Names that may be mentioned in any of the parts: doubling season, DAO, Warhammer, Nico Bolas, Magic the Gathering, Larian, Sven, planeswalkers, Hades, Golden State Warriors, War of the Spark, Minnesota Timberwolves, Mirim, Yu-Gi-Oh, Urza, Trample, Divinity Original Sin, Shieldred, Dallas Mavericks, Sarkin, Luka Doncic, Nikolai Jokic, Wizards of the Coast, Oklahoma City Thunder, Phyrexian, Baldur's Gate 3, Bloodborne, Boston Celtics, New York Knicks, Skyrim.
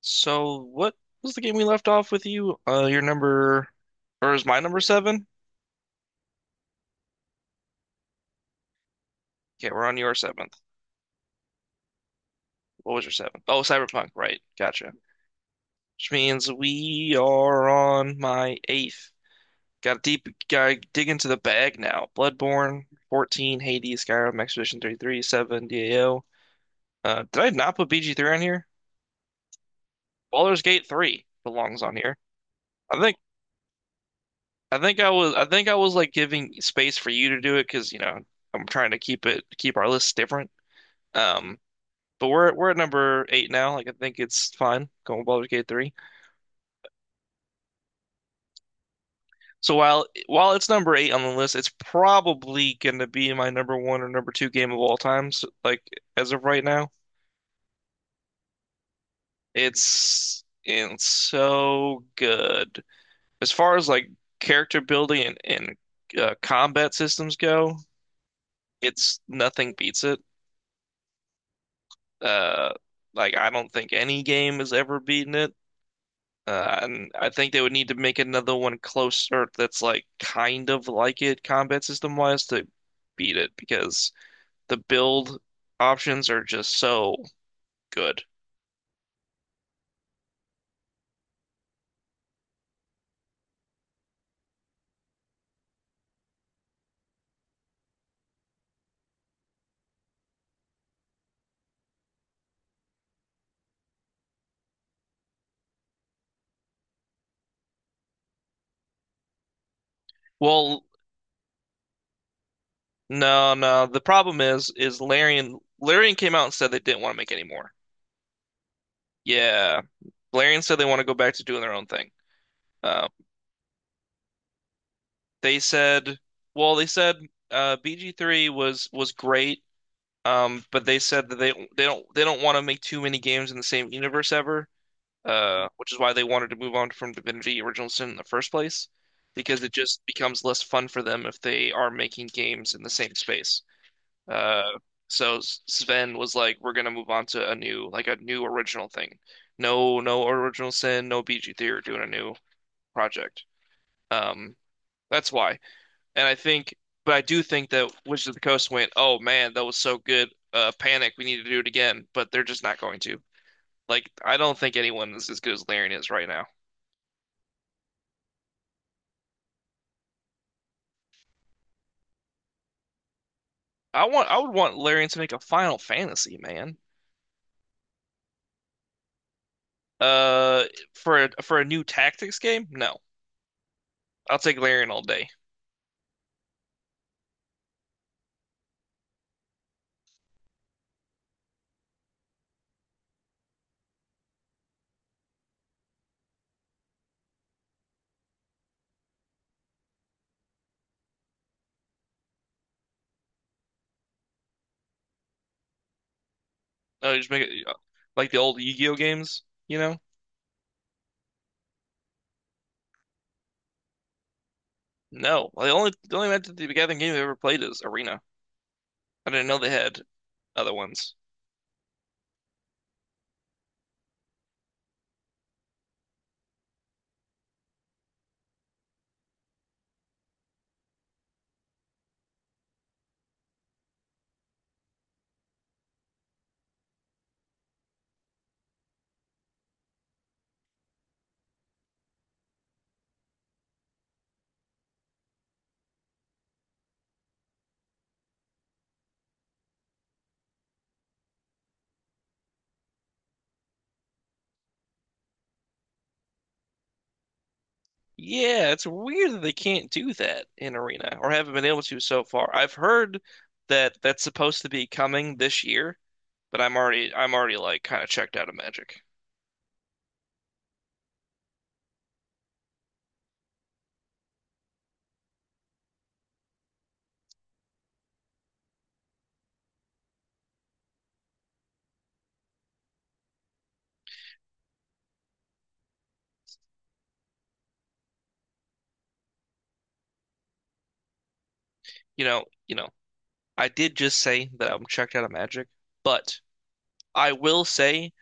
So, what was the game we left off with you? Your number, or is my number seven? Okay, we're on your seventh. What was your seventh? Oh, Cyberpunk, right. Gotcha. Which means we are on my eighth. Got to deep, gotta dig into the bag now. Bloodborne, 14, Hades, Skyrim, Expedition 33, 7, DAO. Did I not put BG3 on here? Baldur's Gate 3 belongs on here. I think, I think I was like giving space for you to do it because, you know, I'm trying to keep it, keep our lists different. Um, but we're at number eight now. Like I think it's fine going with Baldur's Gate 3. So while it's number eight on the list, it's probably gonna be my number one or number two game of all time. So, like as of right now, it's so good. As far as like character building and combat systems go, it's nothing beats it. Uh, like I don't think any game has ever beaten it. And I think they would need to make another one closer that's like kind of like it combat system wise to beat it because the build options are just so good. Well, no, no. The problem is Larian came out and said they didn't want to make any more. Yeah, Larian said they want to go back to doing their own thing. Uh, they said, well, they said BG3 was great. But they said that they don't want to make too many games in the same universe ever. Which is why they wanted to move on from Divinity Original Sin in the first place, because it just becomes less fun for them if they are making games in the same space. Uh, so Sven was like, "We're gonna move on to a new, like a new original thing. No, no Original Sin, no BG Theory. We're doing a new project." Um, that's why, and I think, but I do think that Wizards of the Coast went, "Oh man, that was so good." Panic, we need to do it again, but they're just not going to. Like, I don't think anyone is as good as Larian is right now. I would want Larian to make a Final Fantasy, man. Uh, for for a new tactics game? No, I'll take Larian all day. Just make it like the old Yu-Gi-Oh games, you know? No, the only Magic the Gathering game I've ever played is Arena. I didn't know they had other ones. Yeah, it's weird that they can't do that in Arena or haven't been able to so far. I've heard that that's supposed to be coming this year, but I'm already like kind of checked out of Magic. You know, I did just say that I'm checked out of Magic, but I will say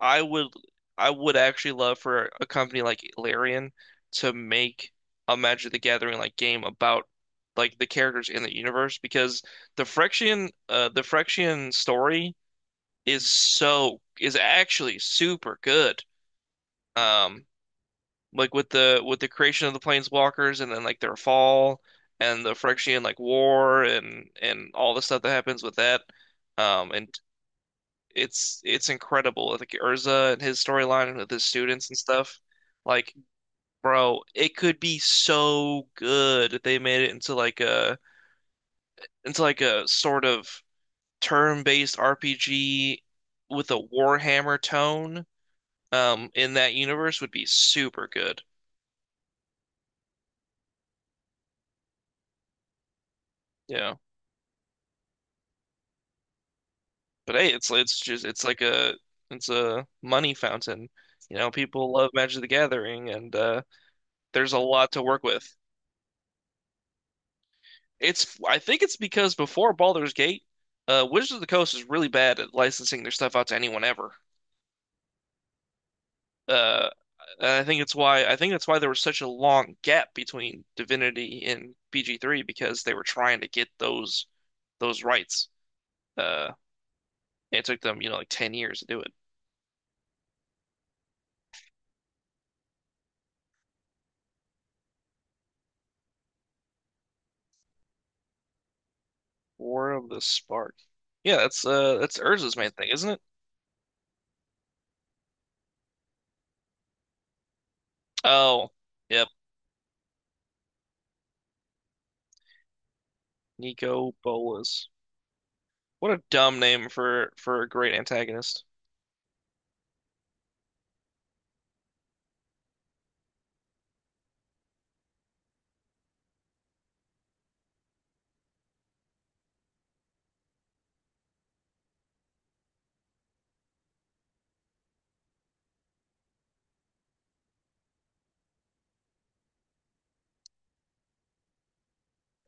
I would I would actually love for a company like Larian to make a Magic the Gathering like game about like the characters in the universe because the Phyrexian story is actually super good. Um like with the creation of the planeswalkers and then like their fall and the Phyrexian like war and all the stuff that happens with that, and it's incredible like Urza and his storyline with his students and stuff like bro it could be so good if they made it into like a sort of turn-based RPG with a Warhammer tone in that universe would be super good, yeah. But hey, it's like a it's a money fountain. You know, people love Magic the Gathering, and there's a lot to work with. It's I think it's because before Baldur's Gate, Wizards of the Coast is really bad at licensing their stuff out to anyone ever. Uh, and I think it's why I think that's why there was such a long gap between Divinity and BG3 because they were trying to get those rights. Uh, and it took them, you know, like 10 years to do it. War of the Spark. Yeah, that's Urza's main thing, isn't it? Oh, yep, Nico Bolas. What a dumb name for a great antagonist.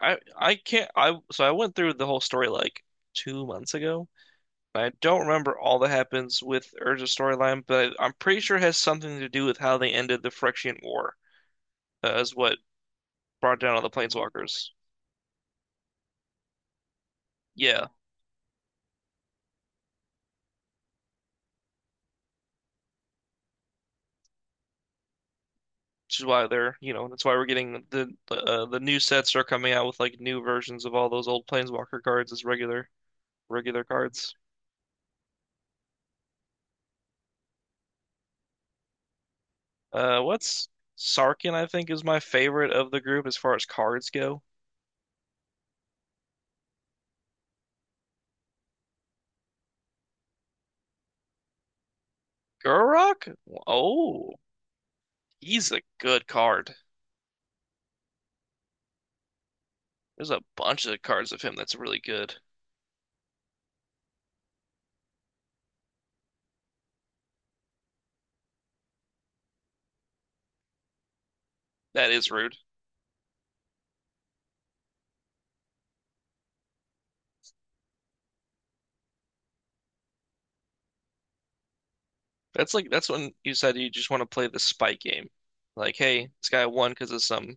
I can't I So I went through the whole story like 2 months ago. I don't remember all that happens with Urza's storyline, but I'm pretty sure it has something to do with how they ended the Phyrexian War. Is what brought down all the Planeswalkers. Yeah, which is why they're, you know, that's why we're getting the new sets are coming out with like new versions of all those old Planeswalker cards as regular cards. What's Sarkin, I think, is my favorite of the group as far as cards go. Gurok? Oh, he's a good card. There's a bunch of cards of him that's really good. That is rude. That's like that's when you said you just want to play the spite game. Like, hey, this guy won because of some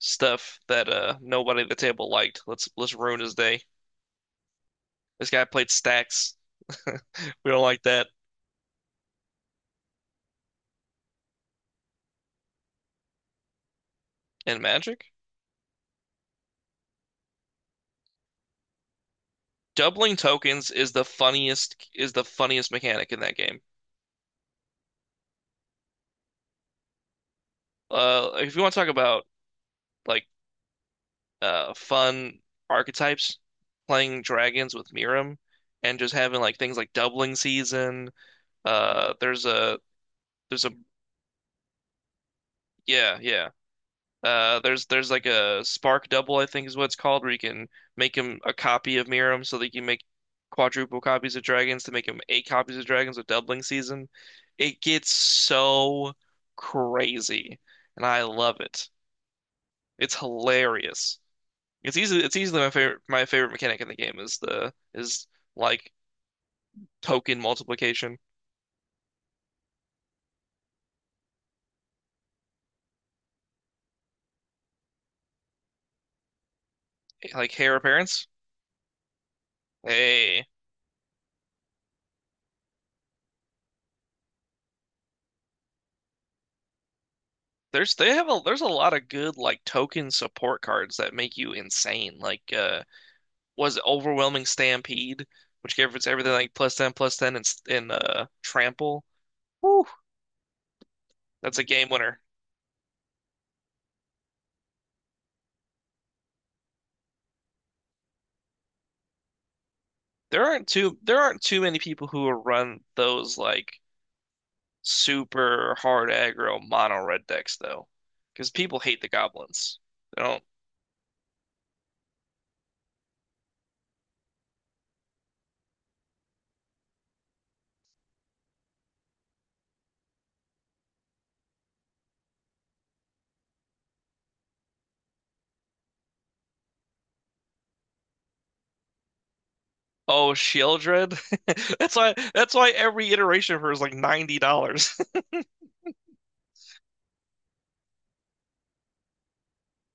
stuff that nobody at the table liked. Let's ruin his day. This guy played stacks. We don't like that. And Magic? Doubling tokens is the funniest mechanic in that game. If you want to talk about like fun archetypes, playing dragons with Mirim, and just having like things like doubling season. Uh, there's a there's a Yeah, yeah. There's like a spark double I think is what it's called where you can make him a copy of Mirim so that you can make quadruple copies of dragons to make him eight copies of dragons with doubling season. It gets so crazy, and I love it. It's hilarious. It's easily my favorite mechanic in the game is the is like token multiplication, like hair appearance. Hey, there's they have a there's a lot of good like token support cards that make you insane. Like was it Overwhelming Stampede, which gives everything like plus ten and in Trample. Whew, that's a game winner. There aren't too many people who will run those like super hard aggro mono red decks though, because people hate the goblins. They don't. Oh, Shieldred. That's why. That's why every iteration of her is like $90.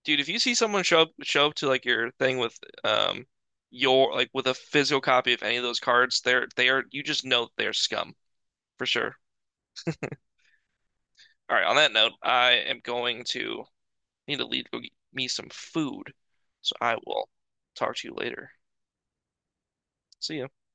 Dude, if you see someone show up to like your thing with um your like with a physical copy of any of those cards, they are you just know they're scum for sure. All right. On that note, I am going to need to leave to go get me some food, so I will talk to you later. See ya.